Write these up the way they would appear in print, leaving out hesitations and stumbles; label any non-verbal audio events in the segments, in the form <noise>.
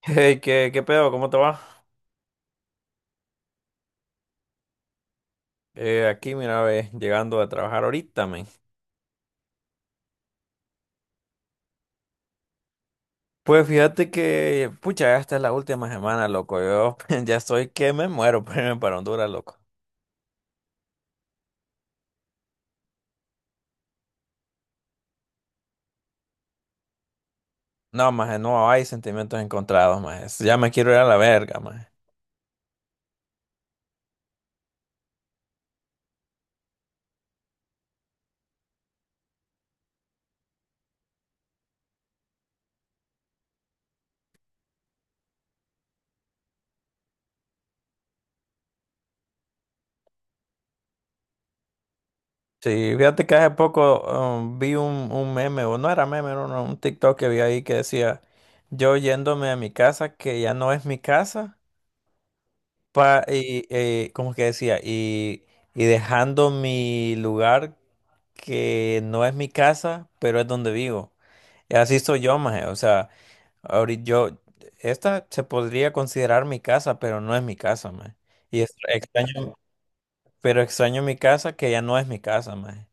Hey, ¿qué pedo? ¿Cómo te va? Aquí, mira, ve, llegando a trabajar ahorita, men. Pues fíjate que, pucha, esta es la última semana, loco. Yo <laughs> ya estoy que me muero <laughs> por irme para Honduras, loco. No, maje, no hay sentimientos encontrados, maje. Ya me quiero ir a la verga, maje. Sí, fíjate que hace poco vi un meme, o no era meme, era un TikTok que vi ahí que decía, yo yéndome a mi casa, que ya no es mi casa, pa, y, ¿cómo es que decía? Y dejando mi lugar que no es mi casa, pero es donde vivo. Y así soy yo, maje. O sea, ahorita yo, esta se podría considerar mi casa, pero no es mi casa, maje. Y extraño, pero extraño mi casa que ya no es mi casa, maje.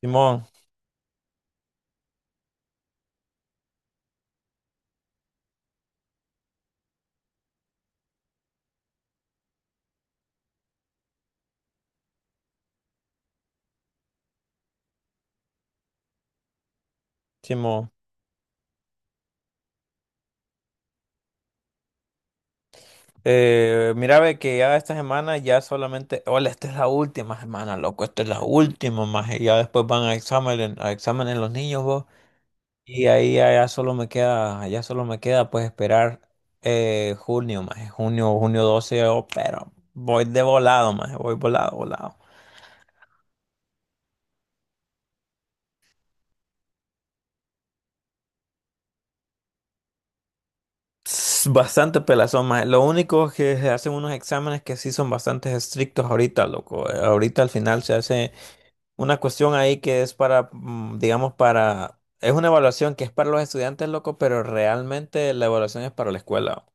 Simón, Simón. Mira, ve que ya esta semana ya solamente, hola, esta es la última semana, loco, esta es la última, maje. Ya después van a examen, a exámenes los niños, vos. Y ahí allá solo me queda, pues esperar junio, más junio, junio 12 yo, pero voy de volado, más voy volado, volado. Tss, bastante pelazón, más lo único es que se hacen unos exámenes que sí son bastante estrictos ahorita, loco. Ahorita al final se hace una cuestión ahí que es para, digamos, para, es una evaluación que es para los estudiantes, loco, pero realmente la evaluación es para la escuela.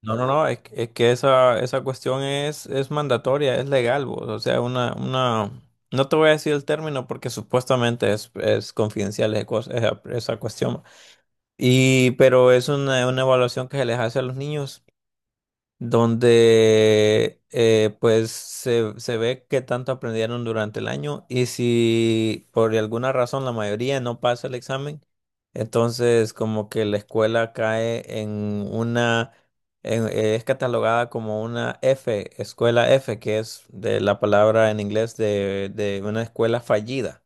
No, no, no, es que esa cuestión es mandatoria, es legal, vos. O sea, no te voy a decir el término porque supuestamente es confidencial esa cuestión. Pero es una evaluación que se les hace a los niños donde pues se ve qué tanto aprendieron durante el año y si por alguna razón la mayoría no pasa el examen, entonces como que la escuela cae en una, es catalogada como una F, escuela F, que es de la palabra en inglés de una escuela fallida.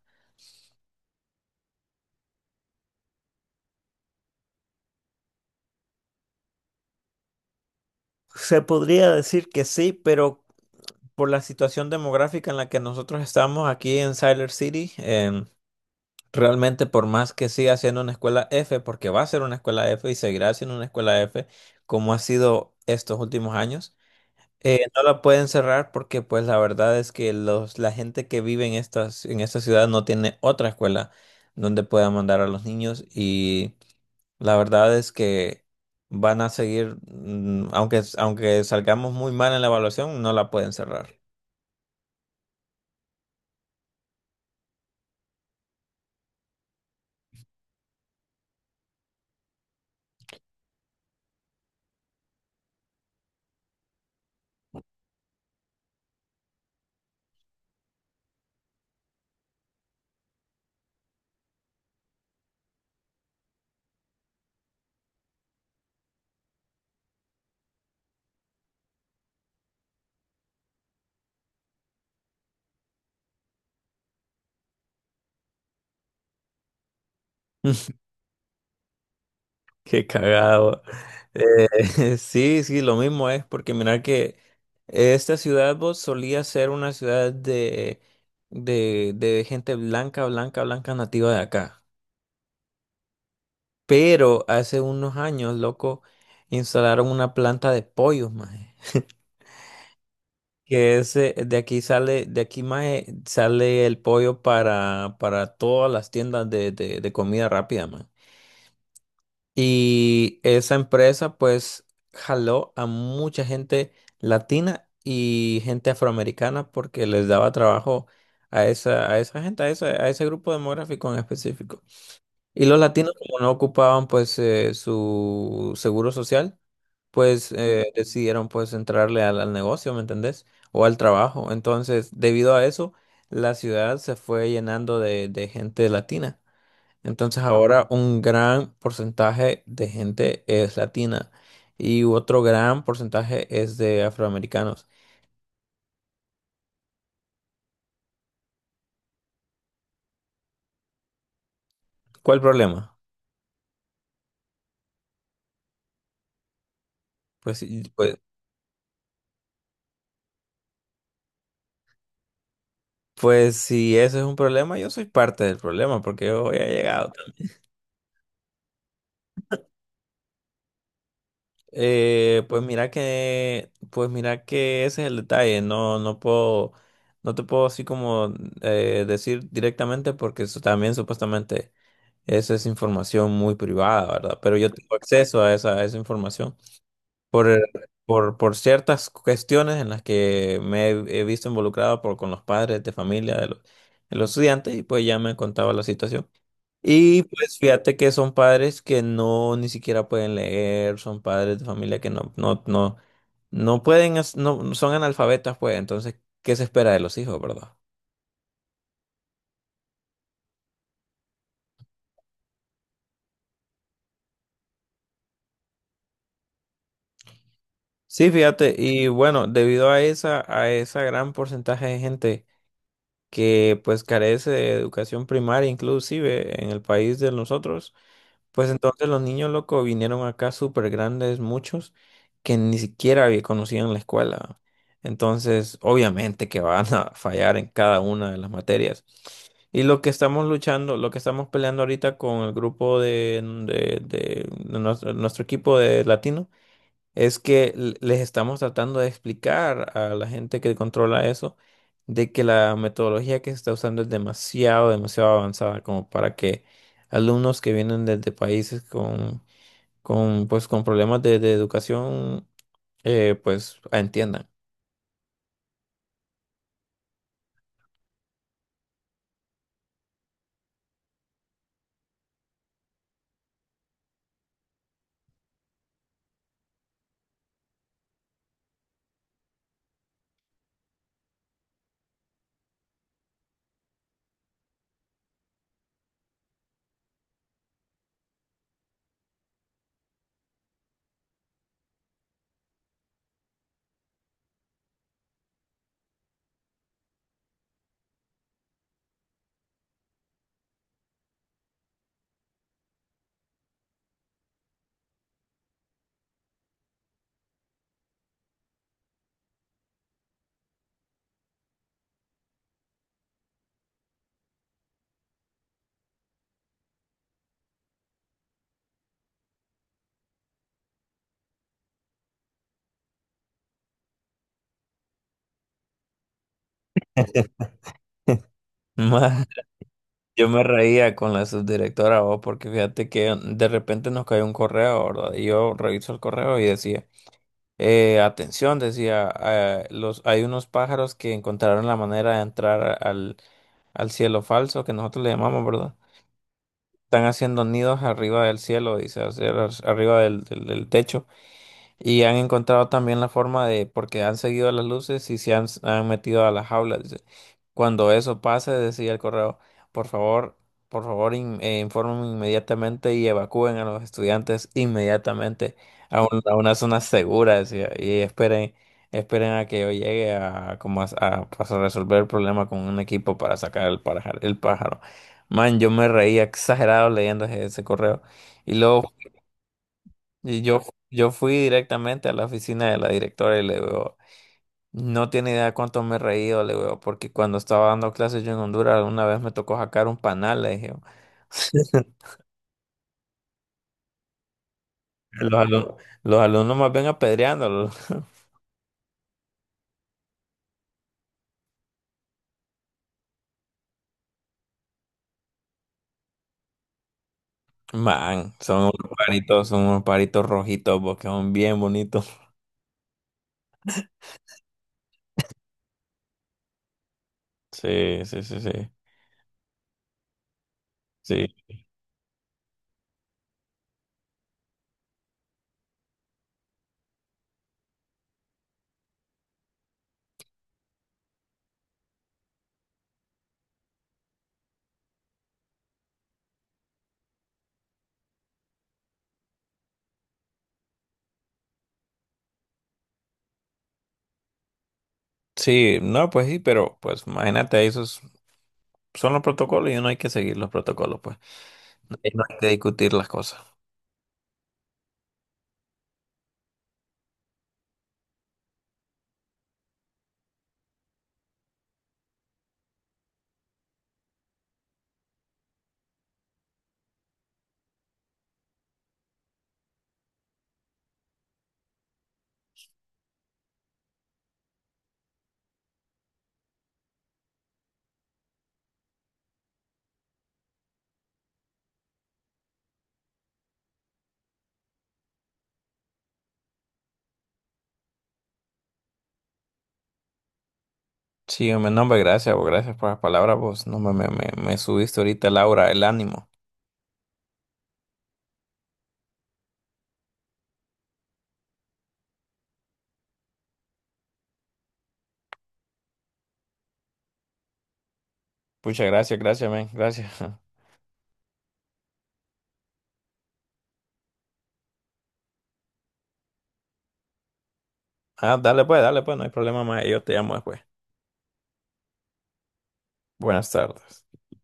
Se podría decir que sí, pero por la situación demográfica en la que nosotros estamos aquí en Siler City, realmente, por más que siga siendo una escuela F, porque va a ser una escuela F y seguirá siendo una escuela F, como ha sido estos últimos años, no la pueden cerrar porque, pues, la verdad es que la gente que vive en en esta ciudad no tiene otra escuela donde pueda mandar a los niños y la verdad es que van a seguir, aunque salgamos muy mal en la evaluación, no la pueden cerrar. Qué cagado. <laughs> Sí, sí, lo mismo es, porque mirar que esta ciudad vos solía ser una ciudad de gente blanca, blanca, blanca nativa de acá. Pero hace unos años, loco, instalaron una planta de pollos, maje. Que ese, de aquí sale, de aquí, maje, sale el pollo para todas las tiendas de comida rápida, maje. Y esa empresa pues jaló a mucha gente latina y gente afroamericana porque les daba trabajo a esa gente, a ese grupo demográfico en específico. Y los latinos como no ocupaban pues su seguro social, pues decidieron pues entrarle al negocio, ¿me entendés? O al trabajo. Entonces, debido a eso, la ciudad se fue llenando de gente latina. Entonces ahora un gran porcentaje de gente es latina y otro gran porcentaje es de afroamericanos. ¿Cuál problema? Pues, si- pues, pues, si ese es un problema, yo soy parte del problema porque yo he llegado. Pues mira que ese es el detalle. No, no puedo, no te puedo así como decir directamente porque eso también supuestamente eso es información muy privada, ¿verdad? Pero yo tengo acceso a esa información. Por, eh, por ciertas cuestiones en las que me he visto involucrado con los padres de familia de los estudiantes y pues ya me contaba la situación. Y pues fíjate que son padres que no ni siquiera pueden leer, son padres de familia que no pueden, no, son analfabetas pues, entonces, ¿qué se espera de los hijos, verdad? Sí, fíjate, y bueno, debido a esa gran porcentaje de gente que pues carece de educación primaria, inclusive en el país de nosotros, pues entonces los niños locos vinieron acá súper grandes, muchos, que ni siquiera conocían la escuela. Entonces, obviamente que van a <laughs> fallar en cada una de las materias. Y lo que estamos luchando, lo que estamos peleando ahorita con el grupo de nuestro equipo de latino, es que les estamos tratando de explicar a la gente que controla eso de que la metodología que se está usando es demasiado avanzada como para que alumnos que vienen desde países con problemas de educación, pues entiendan. <laughs> Ma, yo me reía con la subdirectora, vos, porque fíjate que de repente nos cayó un correo, ¿verdad? Y yo reviso el correo y decía: atención, decía, hay unos pájaros que encontraron la manera de entrar al cielo falso, que nosotros le llamamos, ¿verdad? Están haciendo nidos arriba del cielo, dice, o sea, arriba del techo. Y han encontrado también la forma de, porque han seguido las luces y se han metido a las jaulas, dice. Cuando eso pase, decía el correo, por favor, por favor, informen inmediatamente y evacúen a los estudiantes inmediatamente a una zona segura, decía, y esperen, esperen a que yo llegue a, como a- pues, a resolver el problema con un equipo para sacar el pájaro, el pájaro. Man, yo me reía exagerado leyendo ese correo. Y luego y yo fui directamente a la oficina de la directora y le digo, no tiene idea cuánto me he reído, le digo, porque cuando estaba dando clases yo en Honduras, una vez me tocó sacar un panal, le dije. <laughs> Los alumnos, los alumnos más bien apedreándolo. <laughs> Man, son unos paritos rojitos, porque son bien bonitos. Sí, sí, sí, sí. Sí, sí, no, pues sí, pero pues imagínate, esos son los protocolos y uno hay que seguir los protocolos, pues. Y no hay que discutir las cosas. Sí, hombre, no, hombre, gracias, vos, gracias por las palabras, vos. No, me subiste ahorita, Laura, el aura, el ánimo. Pucha, gracias, gracias, men, gracias. <laughs> Ah, dale pues, no hay problema más, yo te llamo después. Buenas tardes.